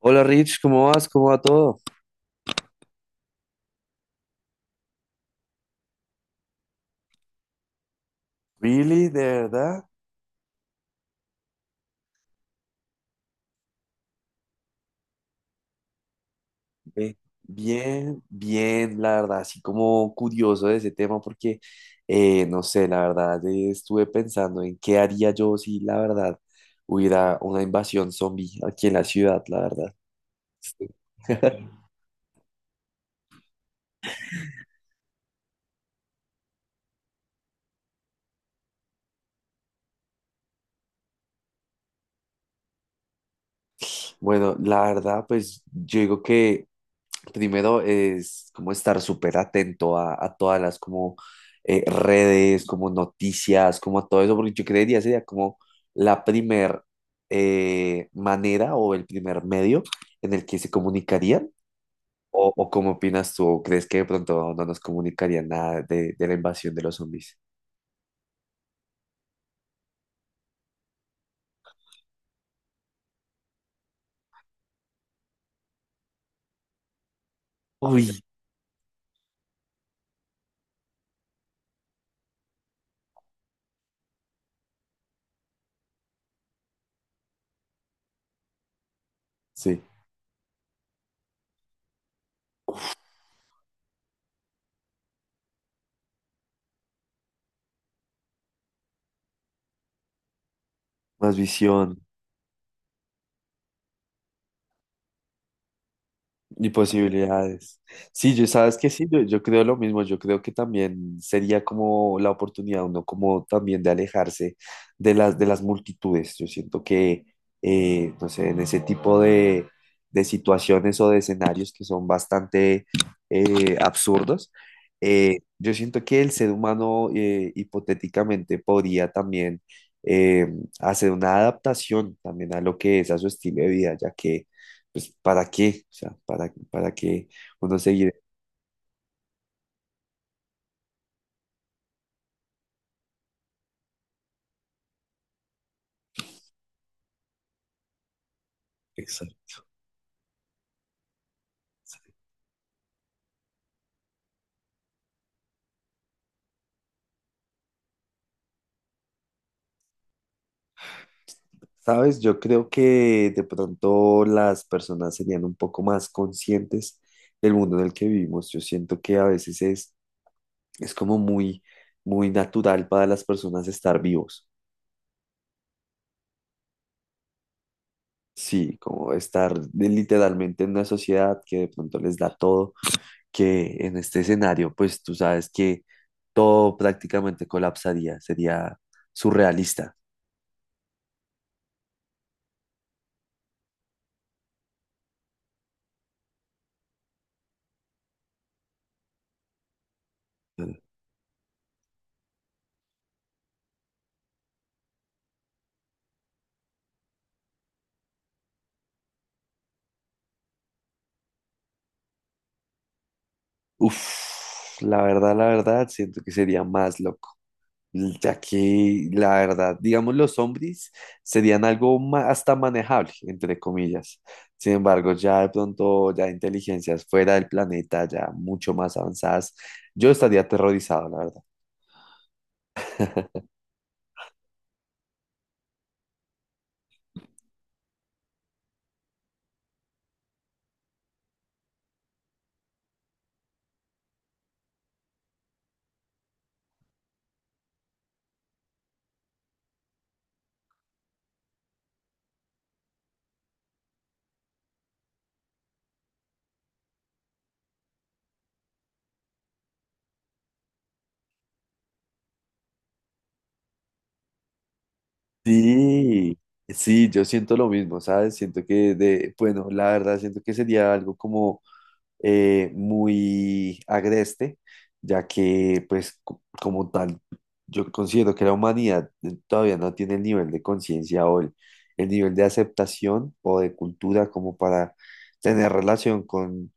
Hola Rich, ¿cómo vas? ¿Cómo va todo? Really, de verdad, ve, bien, bien, la verdad, así como curioso de ese tema porque, no sé, la verdad, estuve pensando en qué haría yo si la verdad hubiera una invasión zombie aquí en la ciudad, la verdad. Bueno, la verdad, pues yo digo que primero es como estar súper atento a todas las como redes, como noticias, como a todo eso, porque yo creería sería como la primer manera o el primer medio en el que se comunicarían. O cómo opinas tú? ¿O crees que de pronto no nos comunicarían nada de, de la invasión de los zombies? Uy, sí, más visión. Y posibilidades. Sí, yo sabes que sí, yo creo lo mismo, yo creo que también sería como la oportunidad, uno como también de alejarse de las multitudes. Yo siento que, no sé, en ese tipo de situaciones o de escenarios que son bastante absurdos, yo siento que el ser humano hipotéticamente podría también eh, hacer una adaptación también a lo que es a su estilo de vida, ya que pues, ¿para qué? O sea, para qué uno seguir? Exacto. ¿Sabes? Yo creo que de pronto las personas serían un poco más conscientes del mundo en el que vivimos. Yo siento que a veces es como muy, muy natural para las personas estar vivos. Sí, como estar de- literalmente en una sociedad que de pronto les da todo, que en este escenario, pues tú sabes que todo prácticamente colapsaría, sería surrealista. Uf, la verdad, siento que sería más loco, ya que la verdad, digamos, los zombies serían algo ma- hasta manejable, entre comillas. Sin embargo, ya de pronto, ya inteligencias fuera del planeta, ya mucho más avanzadas, yo estaría aterrorizado, la verdad. Sí, sí, yo siento lo mismo, ¿sabes? Siento que de, bueno, la verdad siento que sería algo como muy agreste, ya que pues co- como tal, yo considero que la humanidad todavía no tiene el nivel de conciencia o el nivel de aceptación o de cultura como para tener relación con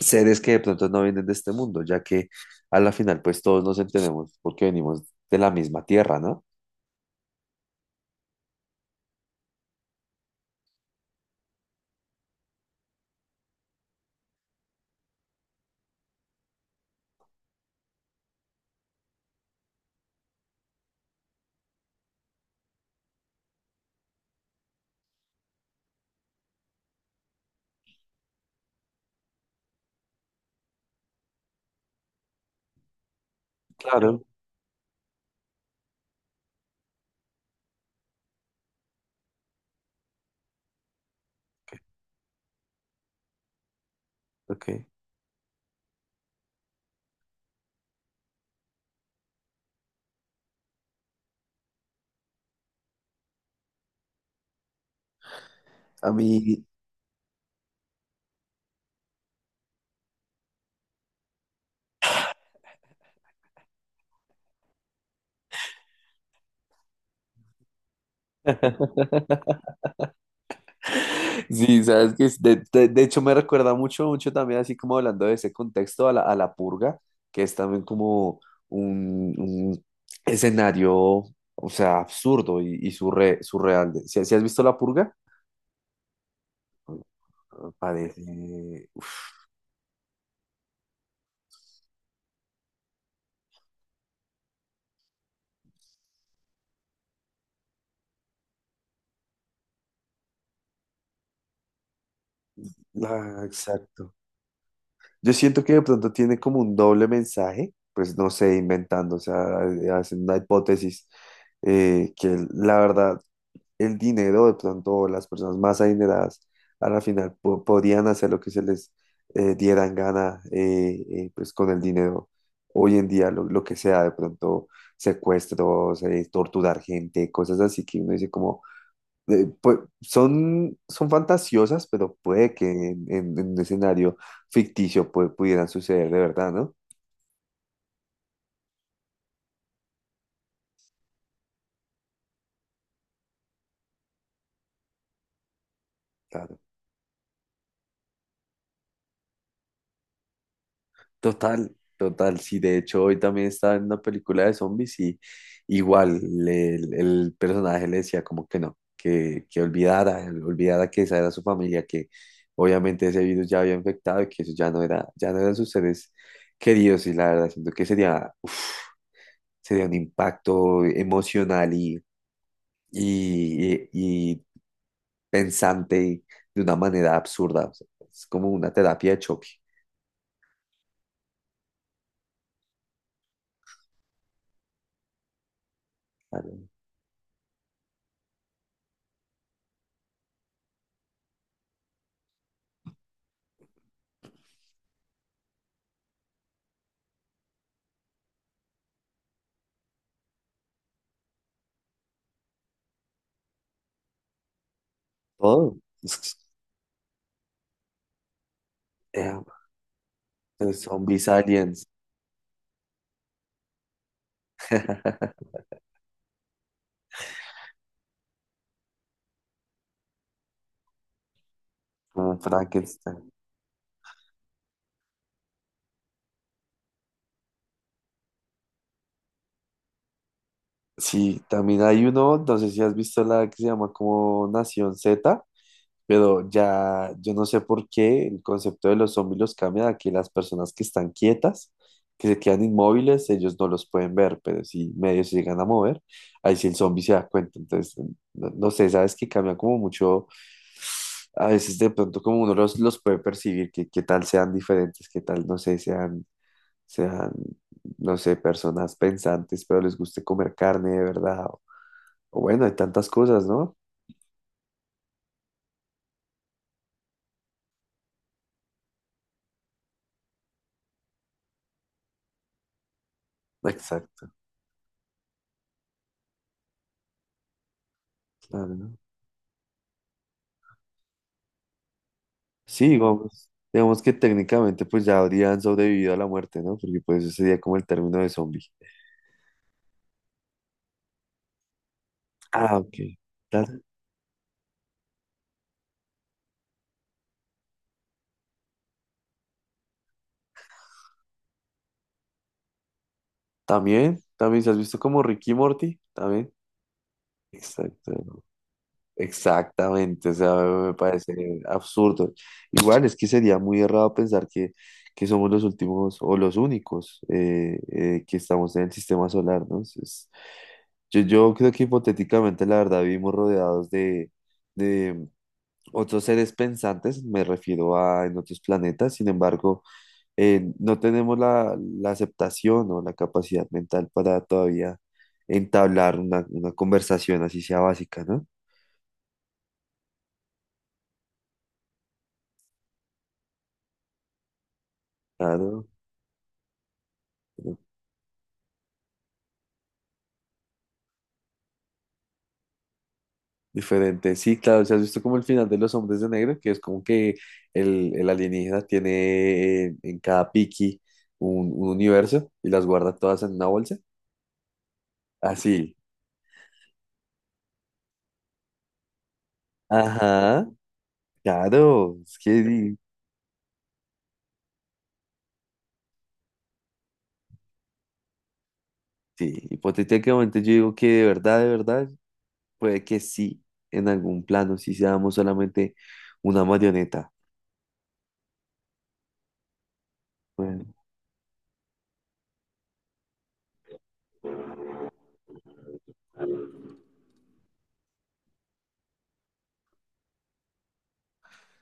seres que de pronto no vienen de este mundo, ya que a la final pues todos nos entendemos porque venimos de la misma tierra, ¿no? Claro, ok. Ok. A mí... Sí, sabes que de hecho me recuerda mucho, mucho también, así como hablando de ese contexto, a la purga, que es también como un escenario, o sea, absurdo y surre- surreal. Si, si has visto la purga, ah, parece... uf, ah, exacto. Yo siento que de pronto tiene como un doble mensaje, pues no sé, inventando, o sea, hacen una hipótesis que la verdad el dinero, de pronto las personas más adineradas a la final po- podían hacer lo que se les dieran gana pues con el dinero. Hoy en día lo que sea, de pronto secuestros, torturar gente, cosas así que uno dice como, pues, son, son fantasiosas, pero puede que en un escenario ficticio pues, pudieran suceder de verdad, ¿no? Claro. Total, total, sí, de hecho hoy también estaba en una película de zombies y igual le- el personaje le decía como que no, que olvidara, olvidara que esa era su familia, que obviamente ese virus ya había infectado y que eso ya no era, ya no eran sus seres queridos y la verdad siento que sería, uf, sería un impacto emocional y pensante de una manera absurda, o sea, es como una terapia de choque, claro, todo. De Zombies Aliens, como Frankenstein. Sí, también hay uno, no sé si has visto la que se llama como Nación Z, pero ya yo no sé por qué el concepto de los zombies los cambia a que las personas que están quietas, que se quedan inmóviles, ellos no los pueden ver, pero si medio se llegan a mover, ahí sí el zombie se da cuenta. Entonces, no, no sé, sabes que cambia como mucho, a veces de pronto como uno los puede percibir, que qué tal sean diferentes, qué tal, no sé, sean sean, no sé, personas pensantes, pero les guste comer carne de verdad. O bueno, hay tantas cosas, ¿no? Exacto, claro, ¿no? Sí, digamos, digamos que técnicamente pues ya habrían sobrevivido a la muerte, ¿no? Porque pues eso sería como el término de zombie. Ah, ok. Ta- También, también, ¿se has visto como Ricky y Morty? También. Exacto. Exactamente, o sea, me parece absurdo. Igual es que sería muy errado pensar que somos los últimos o los únicos que estamos en el sistema solar, ¿no? Es- yo creo que hipotéticamente, la verdad, vivimos rodeados de otros seres pensantes, me refiero a en otros planetas, sin embargo, no tenemos la, la aceptación o la capacidad mental para todavía entablar una conversación así sea básica, ¿no? Claro. Diferente, sí, claro, si has visto como el final de Los Hombres de Negro, que es como que el alienígena tiene en cada piqui un universo y las guarda todas en una bolsa. Así, ajá, claro, es que di- sí, hipotéticamente yo digo que de verdad, puede que sí, en algún plano, sí seamos solamente una marioneta. Bueno,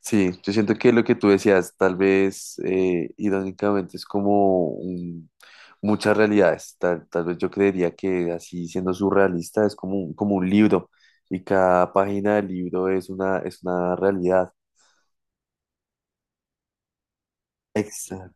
sí, yo siento que lo que tú decías, tal vez irónicamente es como un- muchas realidades. Tal, tal vez yo creería que así siendo surrealista es como un libro y cada página del libro es una realidad. Exacto.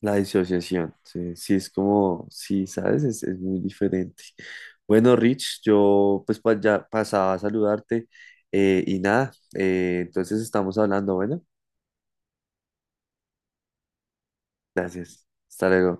La disociación, sí, sí, es como, sí, ¿sabes? Es muy diferente. Bueno, Rich, yo pues pa- ya pasaba a saludarte y nada, entonces estamos hablando, bueno, gracias. Hasta luego.